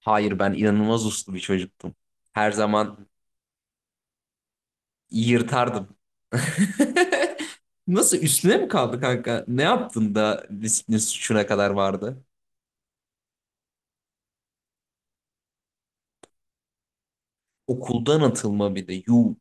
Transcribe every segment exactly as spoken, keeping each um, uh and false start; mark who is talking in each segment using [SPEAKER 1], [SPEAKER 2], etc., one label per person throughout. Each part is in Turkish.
[SPEAKER 1] Hayır ben inanılmaz uslu bir çocuktum. Her zaman yırtardım. Nasıl üstüne mi kaldı kanka? Ne yaptın da disiplin suçuna kadar vardı? Okuldan atılma bir de. Yuh.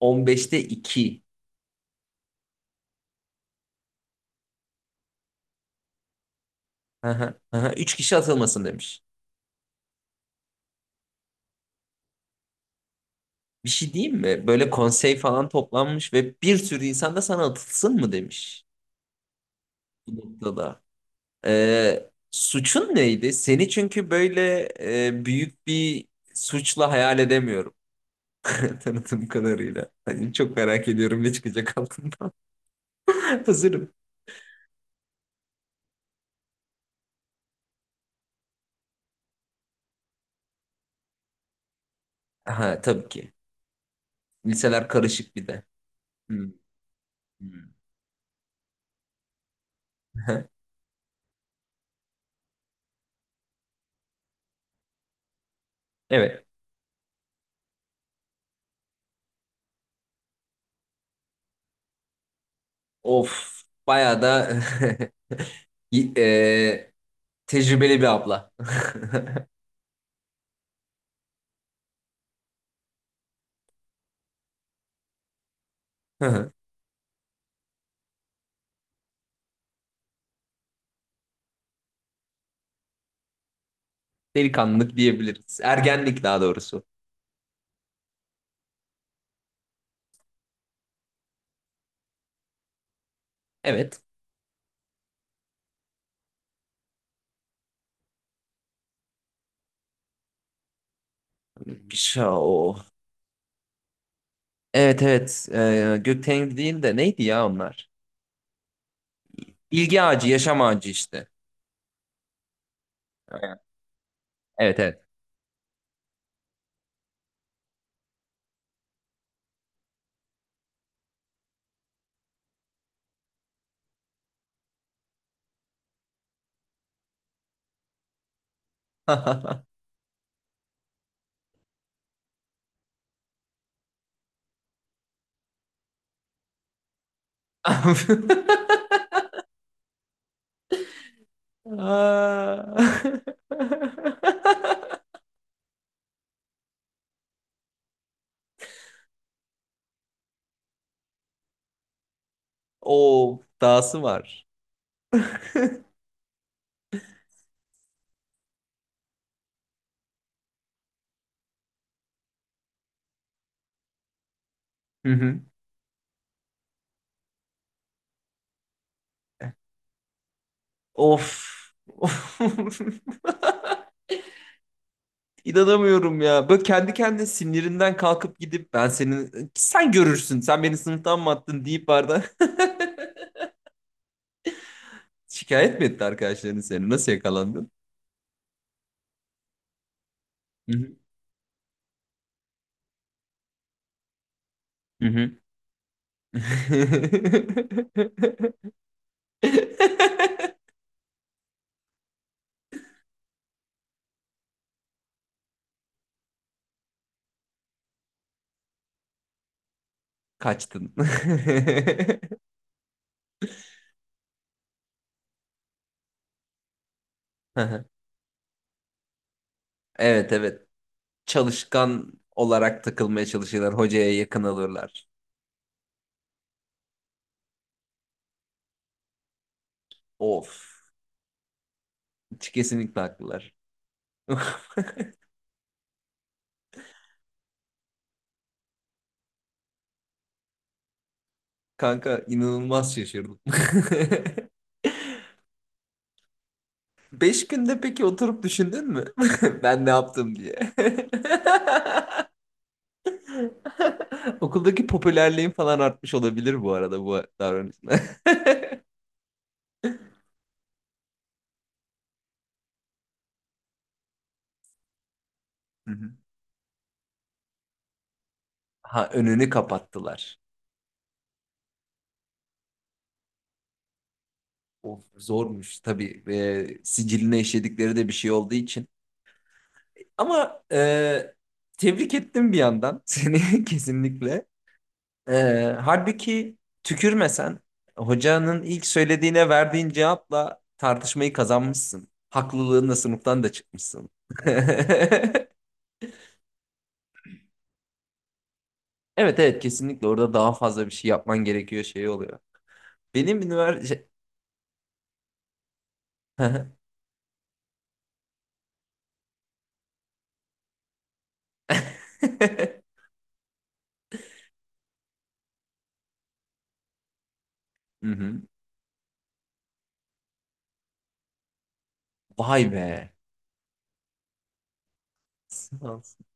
[SPEAKER 1] on beşte iki. Üç kişi atılmasın demiş. Bir şey diyeyim mi? Böyle konsey falan toplanmış ve bir sürü insan da sana atılsın mı demiş bu noktada. Ee, suçun neydi? Seni çünkü böyle e, büyük bir suçla hayal edemiyorum. Tanıtım kadarıyla. Hani çok merak ediyorum ne çıkacak altından. Hazırım. Ha tabii ki. Liseler karışık bir de. Hmm, hmm. Evet. Of. Bayağı da y- e, tecrübeli bir abla. Delikanlılık diyebiliriz. Ergenlik daha doğrusu. Evet. Şa- o. Evet evet. E, Gökten değil de neydi ya onlar? Bilgi ağacı, yaşam ağacı işte. Evet evet. Aa. Oo, dahası var. Hı hı. Of. İnanamıyorum ya. Böyle kendi kendine sinirinden kalkıp gidip ben senin sen görürsün sen beni sınıftan mı attın deyip barda şikayet mi etti arkadaşların seni? Nasıl yakalandın? Hı hı. Hı hı. Kaçtın. Evet evet. Çalışkan olarak takılmaya çalışırlar. Hocaya yakın alırlar. Of. Kesinlikle haklılar. Kanka inanılmaz şaşırdım. Beş günde peki oturup düşündün mü? Ben ne yaptım diye. Okuldaki popülerliğin falan artmış olabilir bu arada bu davranışla. Hı hı. Ha önünü kapattılar. Of zormuş tabii. Ee, siciline işledikleri de bir şey olduğu için. Ama e, tebrik ettim bir yandan seni kesinlikle. E, halbuki tükürmesen hocanın ilk söylediğine verdiğin cevapla tartışmayı kazanmışsın. Haklılığınla sınıftan da çıkmışsın. Evet evet kesinlikle orada daha fazla bir şey yapman gerekiyor şey oluyor. Benim üniversite... Hı hı. Vay be. Sağ olsun.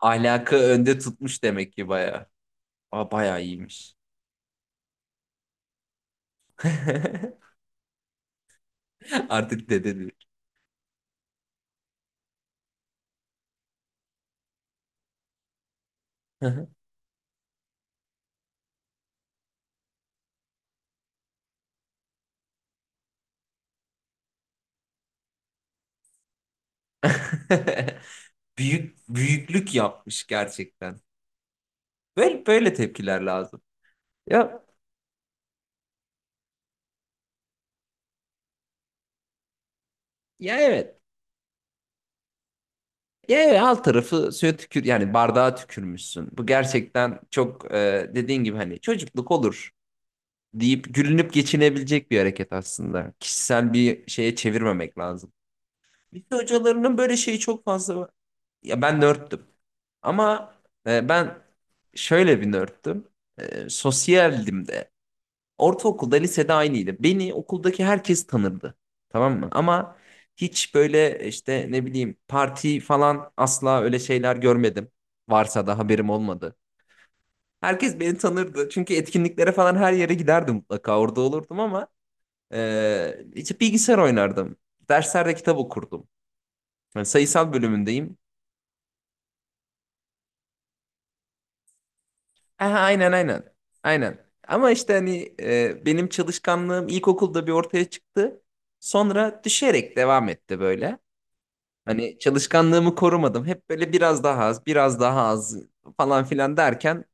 [SPEAKER 1] Ahlakı önde tutmuş demek ki bayağı. Aa, bayağı iyiymiş. Artık dede Hı hı. Büyük büyüklük yapmış gerçekten. Böyle böyle tepkiler lazım. Ya ya evet. Ya evet, alt tarafı suya tükür yani bardağa tükürmüşsün. Bu gerçekten çok e, dediğin gibi hani çocukluk olur deyip gülünüp geçinebilecek bir hareket aslında. Kişisel bir şeye çevirmemek lazım. Lise hocalarının böyle şeyi çok fazla var. Ya ben nörttüm. Ama e, ben şöyle bir nörttüm. E, sosyaldim de. Ortaokulda, lisede aynıydı. Beni okuldaki herkes tanırdı. Tamam mı? Ama hiç böyle işte ne bileyim parti falan asla öyle şeyler görmedim. Varsa da haberim olmadı. Herkes beni tanırdı. Çünkü etkinliklere falan her yere giderdim mutlaka. Orada olurdum ama eee işte bilgisayar oynardım. Derslerde kitap okurdum. Yani sayısal bölümündeyim. Aha, aynen aynen. Aynen. Ama işte hani eee, benim çalışkanlığım ilkokulda bir ortaya çıktı. Sonra düşerek devam etti böyle. Hani çalışkanlığımı korumadım. Hep böyle biraz daha az, biraz daha az falan filan derken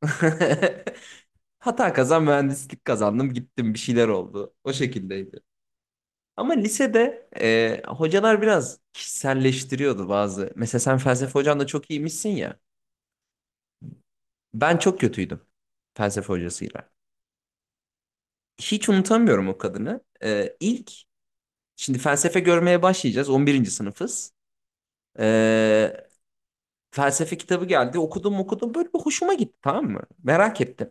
[SPEAKER 1] hata kazan mühendislik kazandım. Gittim bir şeyler oldu. O şekildeydi. Ama lisede e, hocalar biraz kişiselleştiriyordu bazı. Mesela sen felsefe hocan da çok iyiymişsin ya. Ben çok kötüydüm felsefe hocasıyla. Hiç unutamıyorum o kadını. E, ilk, şimdi felsefe görmeye başlayacağız. On birinci sınıfız. E, felsefe kitabı geldi. Okudum okudum böyle bir hoşuma gitti tamam mı? Merak ettim.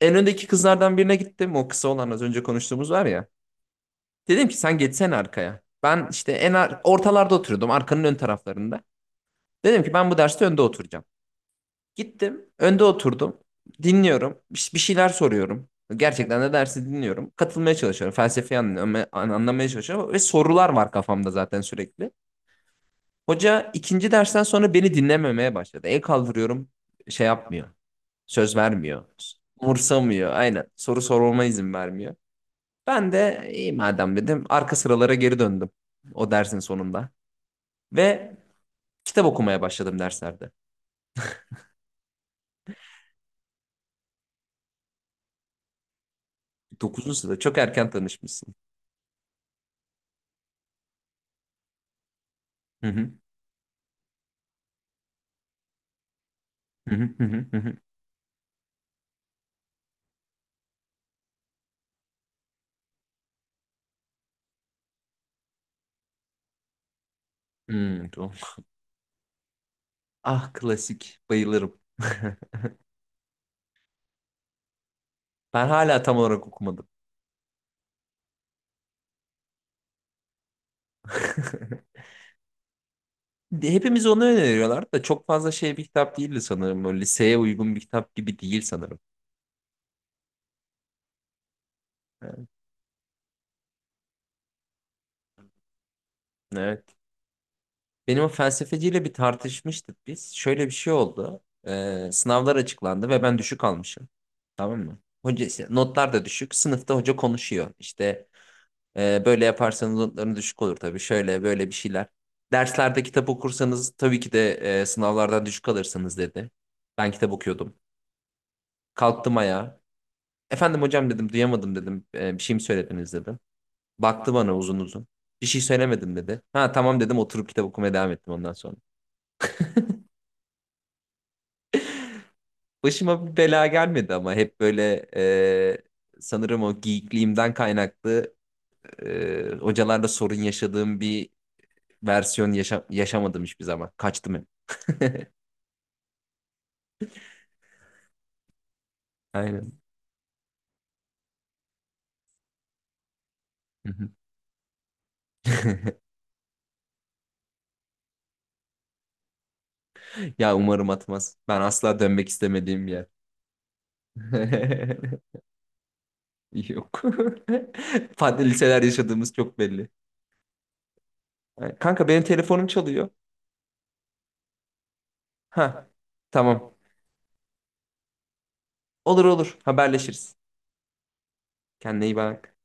[SPEAKER 1] En öndeki kızlardan birine gittim. O kısa olan az önce konuştuğumuz var ya. Dedim ki sen geçsene arkaya. Ben işte en ar- ortalarda oturuyordum. Arkanın ön taraflarında. Dedim ki ben bu derste önde oturacağım. Gittim. Önde oturdum. Dinliyorum. Bir bir şeyler soruyorum. Gerçekten de dersi dinliyorum. Katılmaya çalışıyorum. Felsefeyi anlamaya, anlamaya çalışıyorum. Ve sorular var kafamda zaten sürekli. Hoca ikinci dersten sonra beni dinlememeye başladı. El kaldırıyorum şey yapmıyor. Söz vermiyor. Umursamıyor. Aynen. Soru sorulma izin vermiyor. Ben de iyi madem dedim. Arka sıralara geri döndüm. O dersin sonunda. Ve kitap okumaya başladım derslerde. Dokuzuncu sırada çok erken tanışmışsın. Hı hı, hı hı, hı hı, hı hı. Hmm, tamam. Ah klasik. Bayılırım. Ben hala tam olarak okumadım. Hepimiz onu öneriyorlar da çok fazla şey bir kitap değildi sanırım. Böyle liseye uygun bir kitap gibi değil sanırım. Evet. Benim o felsefeciyle bir tartışmıştık biz. Şöyle bir şey oldu. Ee, sınavlar açıklandı ve ben düşük almışım. Tamam mı? Hoca işte, notlar da düşük. Sınıfta hoca konuşuyor. İşte e, böyle yaparsanız notların düşük olur tabii. Şöyle böyle bir şeyler. Derslerde kitap okursanız tabii ki de e, sınavlardan düşük alırsınız dedi. Ben kitap okuyordum. Kalktım ayağa. Efendim hocam dedim duyamadım dedim. "E, bir şey mi söylediniz dedim. Baktı bana uzun uzun. Bir şey söylemedim dedi. Ha tamam dedim oturup kitap okumaya devam ettim ondan sonra. Başıma bir bela gelmedi ama hep böyle e, sanırım o geekliğimden kaynaklı e, hocalarla sorun yaşadığım bir versiyon yaşa- yaşamadım hiçbir zaman. Kaçtım hep. Aynen. Hı hı. Ya umarım atmaz. Ben asla dönmek istemediğim bir yer. Yok. Farklı liseler yaşadığımız çok belli. Kanka benim telefonum çalıyor. Ha, tamam. Olur olur haberleşiriz. Kendine iyi bak.